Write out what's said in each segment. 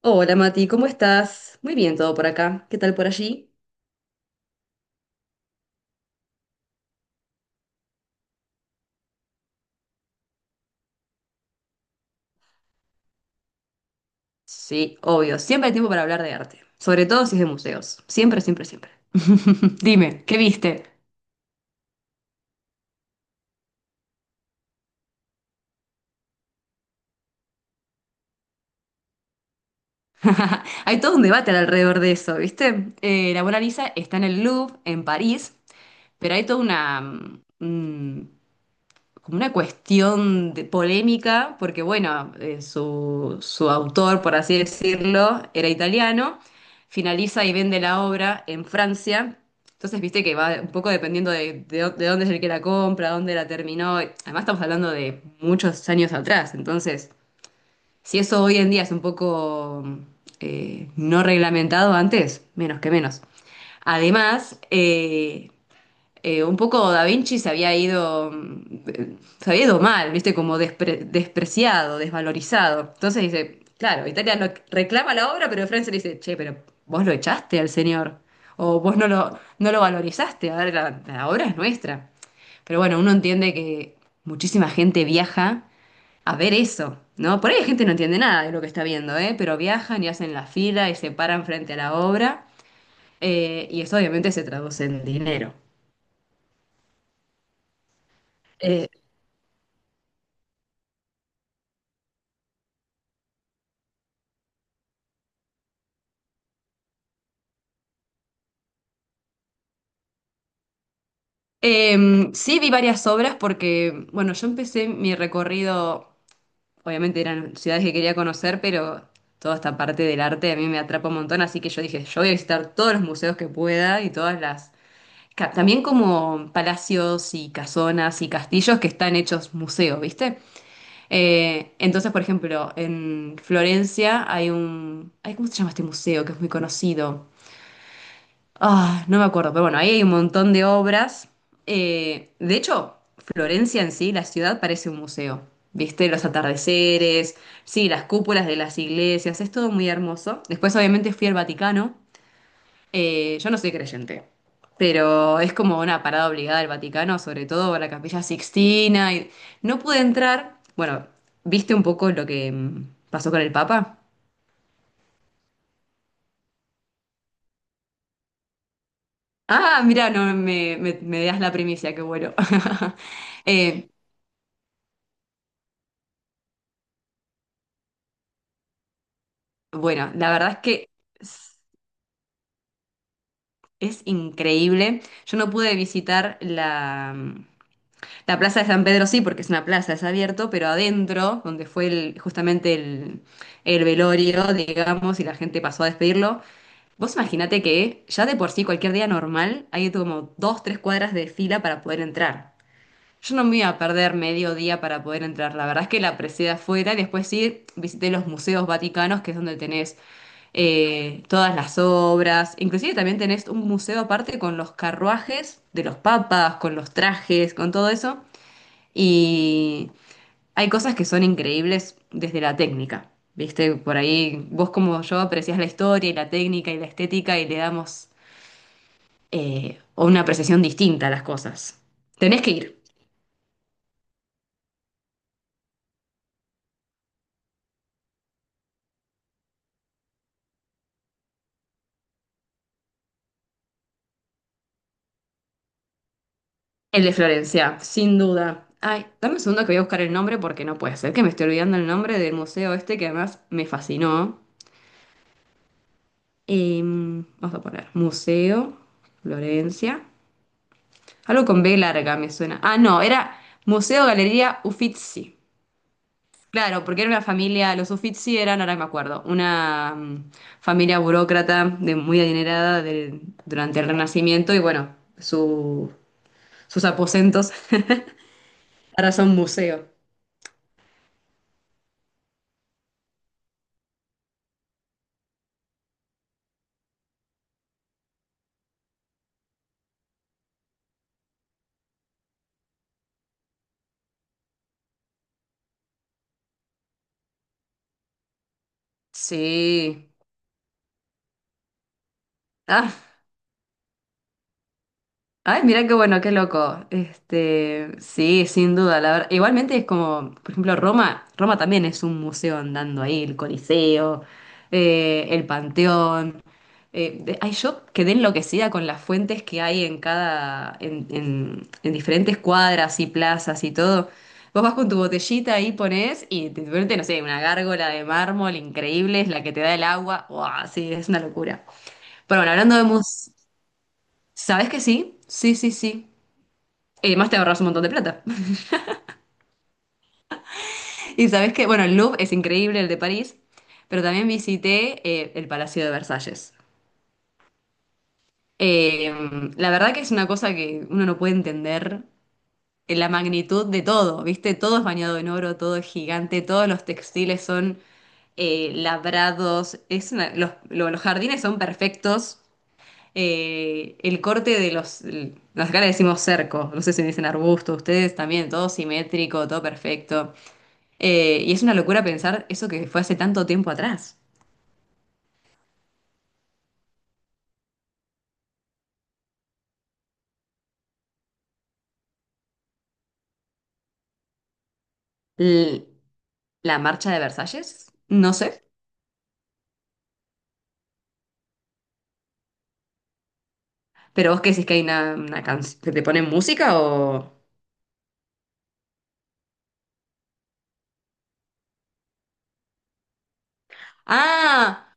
Hola Mati, ¿cómo estás? Muy bien todo por acá. ¿Qué tal por allí? Sí, obvio. Siempre hay tiempo para hablar de arte. Sobre todo si es de museos. Siempre, siempre, siempre. Dime, ¿qué viste? Hay todo un debate alrededor de eso, ¿viste? La Mona Lisa está en el Louvre, en París, pero hay toda una, mm, como una cuestión de polémica, porque bueno, su autor, por así decirlo, era italiano, finaliza y vende la obra en Francia. Entonces, viste que va un poco dependiendo de, de dónde es el que la compra, dónde la terminó. Además, estamos hablando de muchos años atrás. Entonces, si eso hoy en día es un poco no reglamentado antes, menos que menos. Además, un poco Da Vinci se había ido, se había ido mal, ¿viste? Como despreciado, desvalorizado. Entonces dice, claro, Italia lo reclama la obra, pero Francia le dice, che, pero vos lo echaste al señor, o vos no lo, no lo valorizaste, a ver, la obra es nuestra. Pero bueno, uno entiende que muchísima gente viaja a ver eso, ¿no? Por ahí hay gente que no entiende nada de lo que está viendo, ¿eh? Pero viajan y hacen la fila y se paran frente a la obra, y eso obviamente se traduce en dinero. Eh, sí, vi varias obras porque, bueno, yo empecé mi recorrido, obviamente eran ciudades que quería conocer, pero toda esta parte del arte a mí me atrapa un montón, así que yo dije, yo voy a visitar todos los museos que pueda y todas las... También como palacios y casonas y castillos que están hechos museo, ¿viste? Entonces, por ejemplo, en Florencia hay un... Ay, ¿cómo se llama este museo que es muy conocido? Ah, no me acuerdo, pero bueno, ahí hay un montón de obras. De hecho, Florencia en sí, la ciudad parece un museo. ¿Viste? Los atardeceres, sí, las cúpulas de las iglesias, es todo muy hermoso. Después, obviamente, fui al Vaticano. Yo no soy creyente, pero es como una parada obligada al Vaticano, sobre todo a la Capilla Sixtina. No pude entrar. Bueno, ¿viste un poco lo que pasó con el Papa? Ah, mira, no me, me, me das la primicia, qué bueno. Eh, Bueno, la verdad es que es, es increíble. Yo no pude visitar la, la plaza de San Pedro, sí, porque es una plaza, es abierto, pero adentro, donde fue justamente el velorio, digamos, y la gente pasó a despedirlo. Vos imaginate que ya de por sí, cualquier día normal, hay como dos, tres cuadras de fila para poder entrar. Yo no me iba a perder medio día para poder entrar. La verdad es que la aprecié de afuera y después sí visité los museos vaticanos, que es donde tenés todas las obras. Inclusive también tenés un museo aparte con los carruajes de los papas, con los trajes, con todo eso. Y hay cosas que son increíbles desde la técnica. Viste, por ahí vos como yo apreciás la historia y la técnica y la estética y le damos una apreciación distinta a las cosas. Tenés que ir. El de Florencia, sin duda. Ay, dame un segundo que voy a buscar el nombre porque no puede ser que me esté olvidando el nombre del museo este que además me fascinó. Vamos a poner Museo, Florencia. Algo con B larga me suena. Ah, no, era Museo Galería Uffizi. Claro, porque era una familia, los Uffizi eran, ahora me acuerdo, una familia burócrata de, muy adinerada durante el Renacimiento y bueno, sus aposentos ahora son museo. Sí. Ah, ay, mira qué bueno, qué loco. Este, sí, sin duda, la verdad. Igualmente es como, por ejemplo, Roma, Roma también es un museo andando ahí, el Coliseo, el Panteón. Ay, yo quedé enloquecida con las fuentes que hay en cada, en diferentes cuadras y plazas y todo. Vos vas con tu botellita ahí, ponés y te vuelve, no sé, una gárgola de mármol increíble, es la que te da el agua. ¡Wow! Sí, es una locura. Pero bueno, hablando de mus... ¿Sabés que sí? Sí, sí, sí. Y además te ahorras un montón de plata. Y sabes que, bueno, el Louvre es increíble, el de París, pero también visité el Palacio de Versalles. Eh, la verdad que es una cosa que uno no puede entender la magnitud de todo, ¿viste? Todo es bañado en oro, todo es gigante, todos los textiles son labrados, es los, los jardines son perfectos. El corte de los, acá le decimos cerco, no sé si dicen arbusto, ustedes también, todo simétrico, todo perfecto. Y es una locura pensar eso que fue hace tanto tiempo atrás. L- la marcha de Versalles, no sé. Pero vos qué decís que hay una canción que te ponen música o... Ah,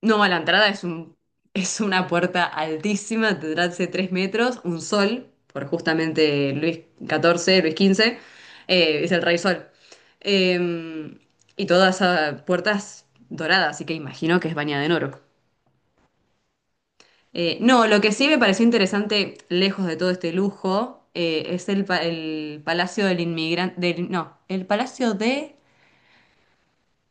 no, a la entrada es es una puerta altísima, tendrá hace tres metros, un sol, por justamente Luis XIV, Luis XV, es el rey sol. Eh, y todas esas puertas doradas, así que imagino que es bañada en oro. No, lo que sí me pareció interesante, lejos de todo este lujo, es el Palacio del Inmigrante, del, no, el Palacio de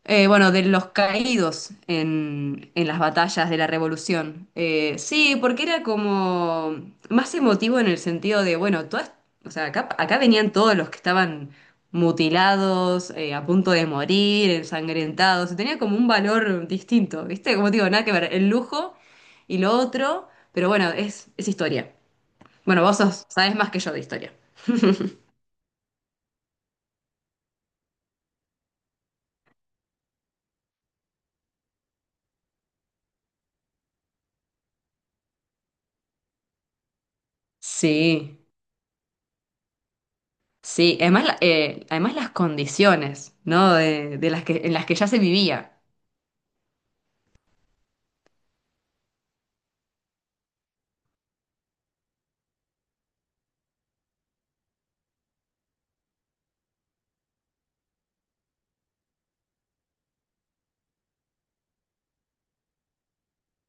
bueno, de los caídos en las batallas de la Revolución. Sí, porque era como más emotivo en el sentido de, bueno, todas, o sea, acá, acá venían todos los que estaban mutilados, a punto de morir, ensangrentados, tenía como un valor distinto, ¿viste? Como te digo, nada que ver, el lujo y lo otro, pero bueno, es historia. Bueno, vos sabés más que yo de historia. Sí. Sí, además, además las condiciones, ¿no? De las que, en las que ya se vivía.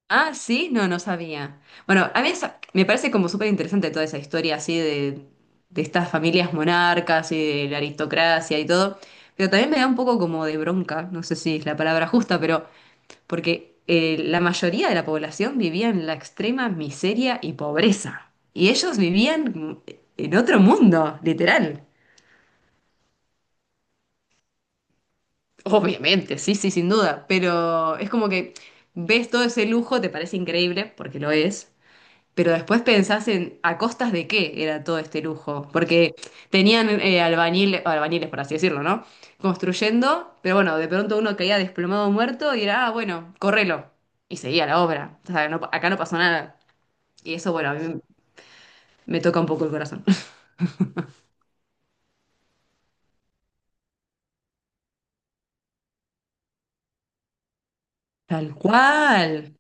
Ah, sí, no, no sabía. Bueno, a mí me parece como súper interesante toda esa historia así de estas familias monarcas y de la aristocracia y todo, pero también me da un poco como de bronca, no sé si es la palabra justa, pero porque la mayoría de la población vivía en la extrema miseria y pobreza, y ellos vivían en otro mundo, literal. Obviamente, sí, sí, sin duda, pero es como que ves todo ese lujo, te parece increíble, porque lo es, pero después pensás en a costas de qué era todo este lujo, porque tenían albañiles, por así decirlo, ¿no? Construyendo, pero bueno, de pronto uno caía desplomado muerto y era, ah, bueno, correlo, y seguía la obra, o sea, acá no pasó nada, y eso, bueno, a mí me toca un poco el corazón. Tal cual.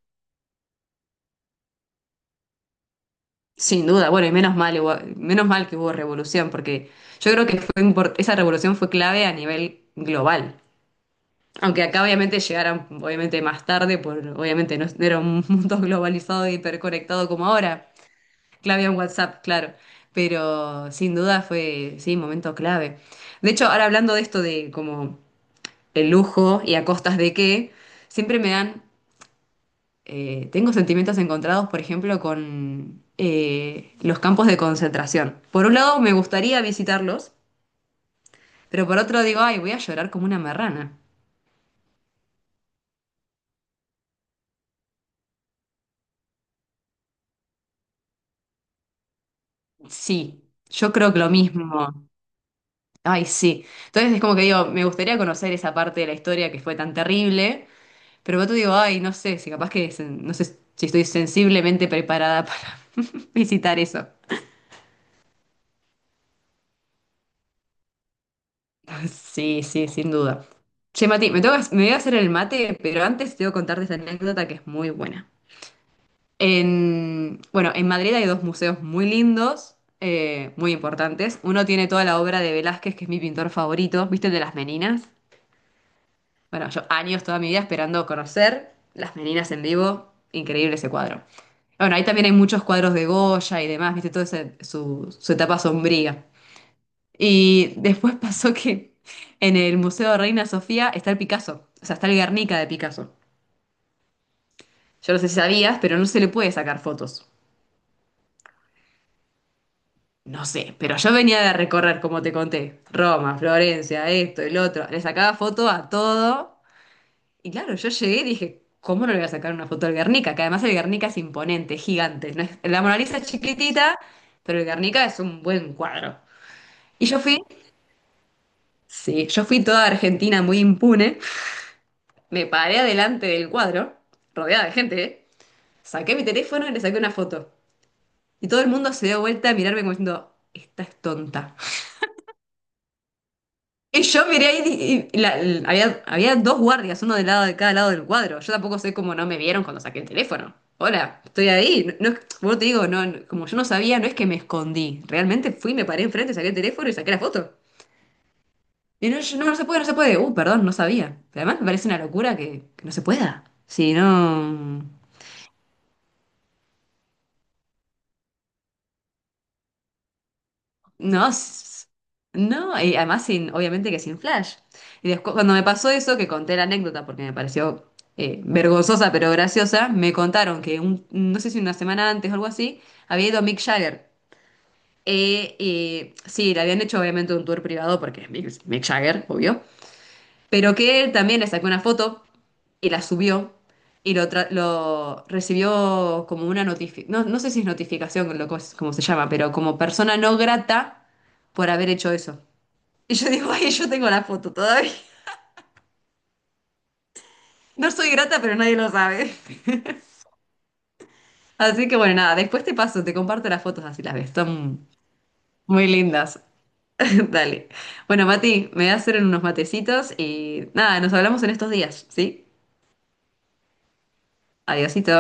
Sin duda, bueno, y menos mal, menos mal que hubo revolución, porque yo creo que fue esa revolución fue clave a nivel global. Aunque acá obviamente llegaran obviamente más tarde, por, obviamente no era un mundo globalizado y hiperconectado como ahora, clave en WhatsApp, claro, pero sin duda fue, sí, momento clave. De hecho, ahora hablando de esto de como el lujo y a costas de qué, siempre me dan tengo sentimientos encontrados, por ejemplo, con los campos de concentración. Por un lado, me gustaría visitarlos, pero por otro digo, ay, voy a llorar como una marrana. Sí, yo creo que lo mismo. Ay, sí. Entonces es como que digo, me gustaría conocer esa parte de la historia que fue tan terrible, pero por otro digo, ay, no sé, si capaz que, no sé si estoy sensiblemente preparada para visitar eso. Sí, sí, sin duda. Che, Mati, tengo me voy a hacer el mate, pero antes tengo que contarte esta anécdota que es muy buena. En, bueno, en Madrid hay dos museos muy lindos, muy importantes. Uno tiene toda la obra de Velázquez, que es mi pintor favorito, ¿viste el de las Meninas? Bueno, yo años toda mi vida esperando conocer las Meninas en vivo, increíble ese cuadro. Bueno, ahí también hay muchos cuadros de Goya y demás, ¿viste? Toda su etapa sombría. Y después pasó que en el Museo de Reina Sofía está el Picasso, o sea, está el Guernica de Picasso. Yo no sé si sabías, pero no se le puede sacar fotos. No sé, pero yo venía de recorrer, como te conté, Roma, Florencia, esto, el otro. Le sacaba foto a todo. Y claro, yo llegué y dije, ¿cómo no le voy a sacar una foto al Guernica? Que además el Guernica es imponente, es gigante. No es- La Mona Lisa es chiquitita, pero el Guernica es un buen cuadro. Y yo fui, sí, yo fui toda Argentina muy impune. Me paré adelante del cuadro, rodeada de gente, ¿eh? Saqué mi teléfono y le saqué una foto. Y todo el mundo se dio vuelta a mirarme como diciendo, esta es tonta. Y yo miré ahí y, había, había dos guardias, uno de lado de cada lado del cuadro. Yo tampoco sé cómo no me vieron cuando saqué el teléfono. Hola, estoy ahí. No, bueno, te digo, como yo no sabía, no es que me escondí. Realmente fui, me paré enfrente, saqué el teléfono y saqué la foto. Y no, no, no se puede, no se puede. Perdón, no sabía. Pero además me parece una locura que no se pueda. Si no. No, s- no, y además sin, obviamente que sin flash. Y después, cuando me pasó eso, que conté la anécdota porque me pareció vergonzosa pero graciosa, me contaron que no sé si una semana antes o algo así, había ido a Mick Jagger. Sí, le habían hecho obviamente un tour privado porque es Mick Jagger, obvio. Pero que él también le sacó una foto y la subió y lo recibió como una notificación, no, no sé si es notificación, como se llama, pero como persona no grata por haber hecho eso. Y yo digo, ay, yo tengo la foto todavía. No soy grata, pero nadie lo sabe. Así que bueno, nada, después te paso, te comparto las fotos así las ves. Son muy lindas. Dale. Bueno, Mati, me voy a hacer unos matecitos y nada, nos hablamos en estos días, ¿sí? Adiosito.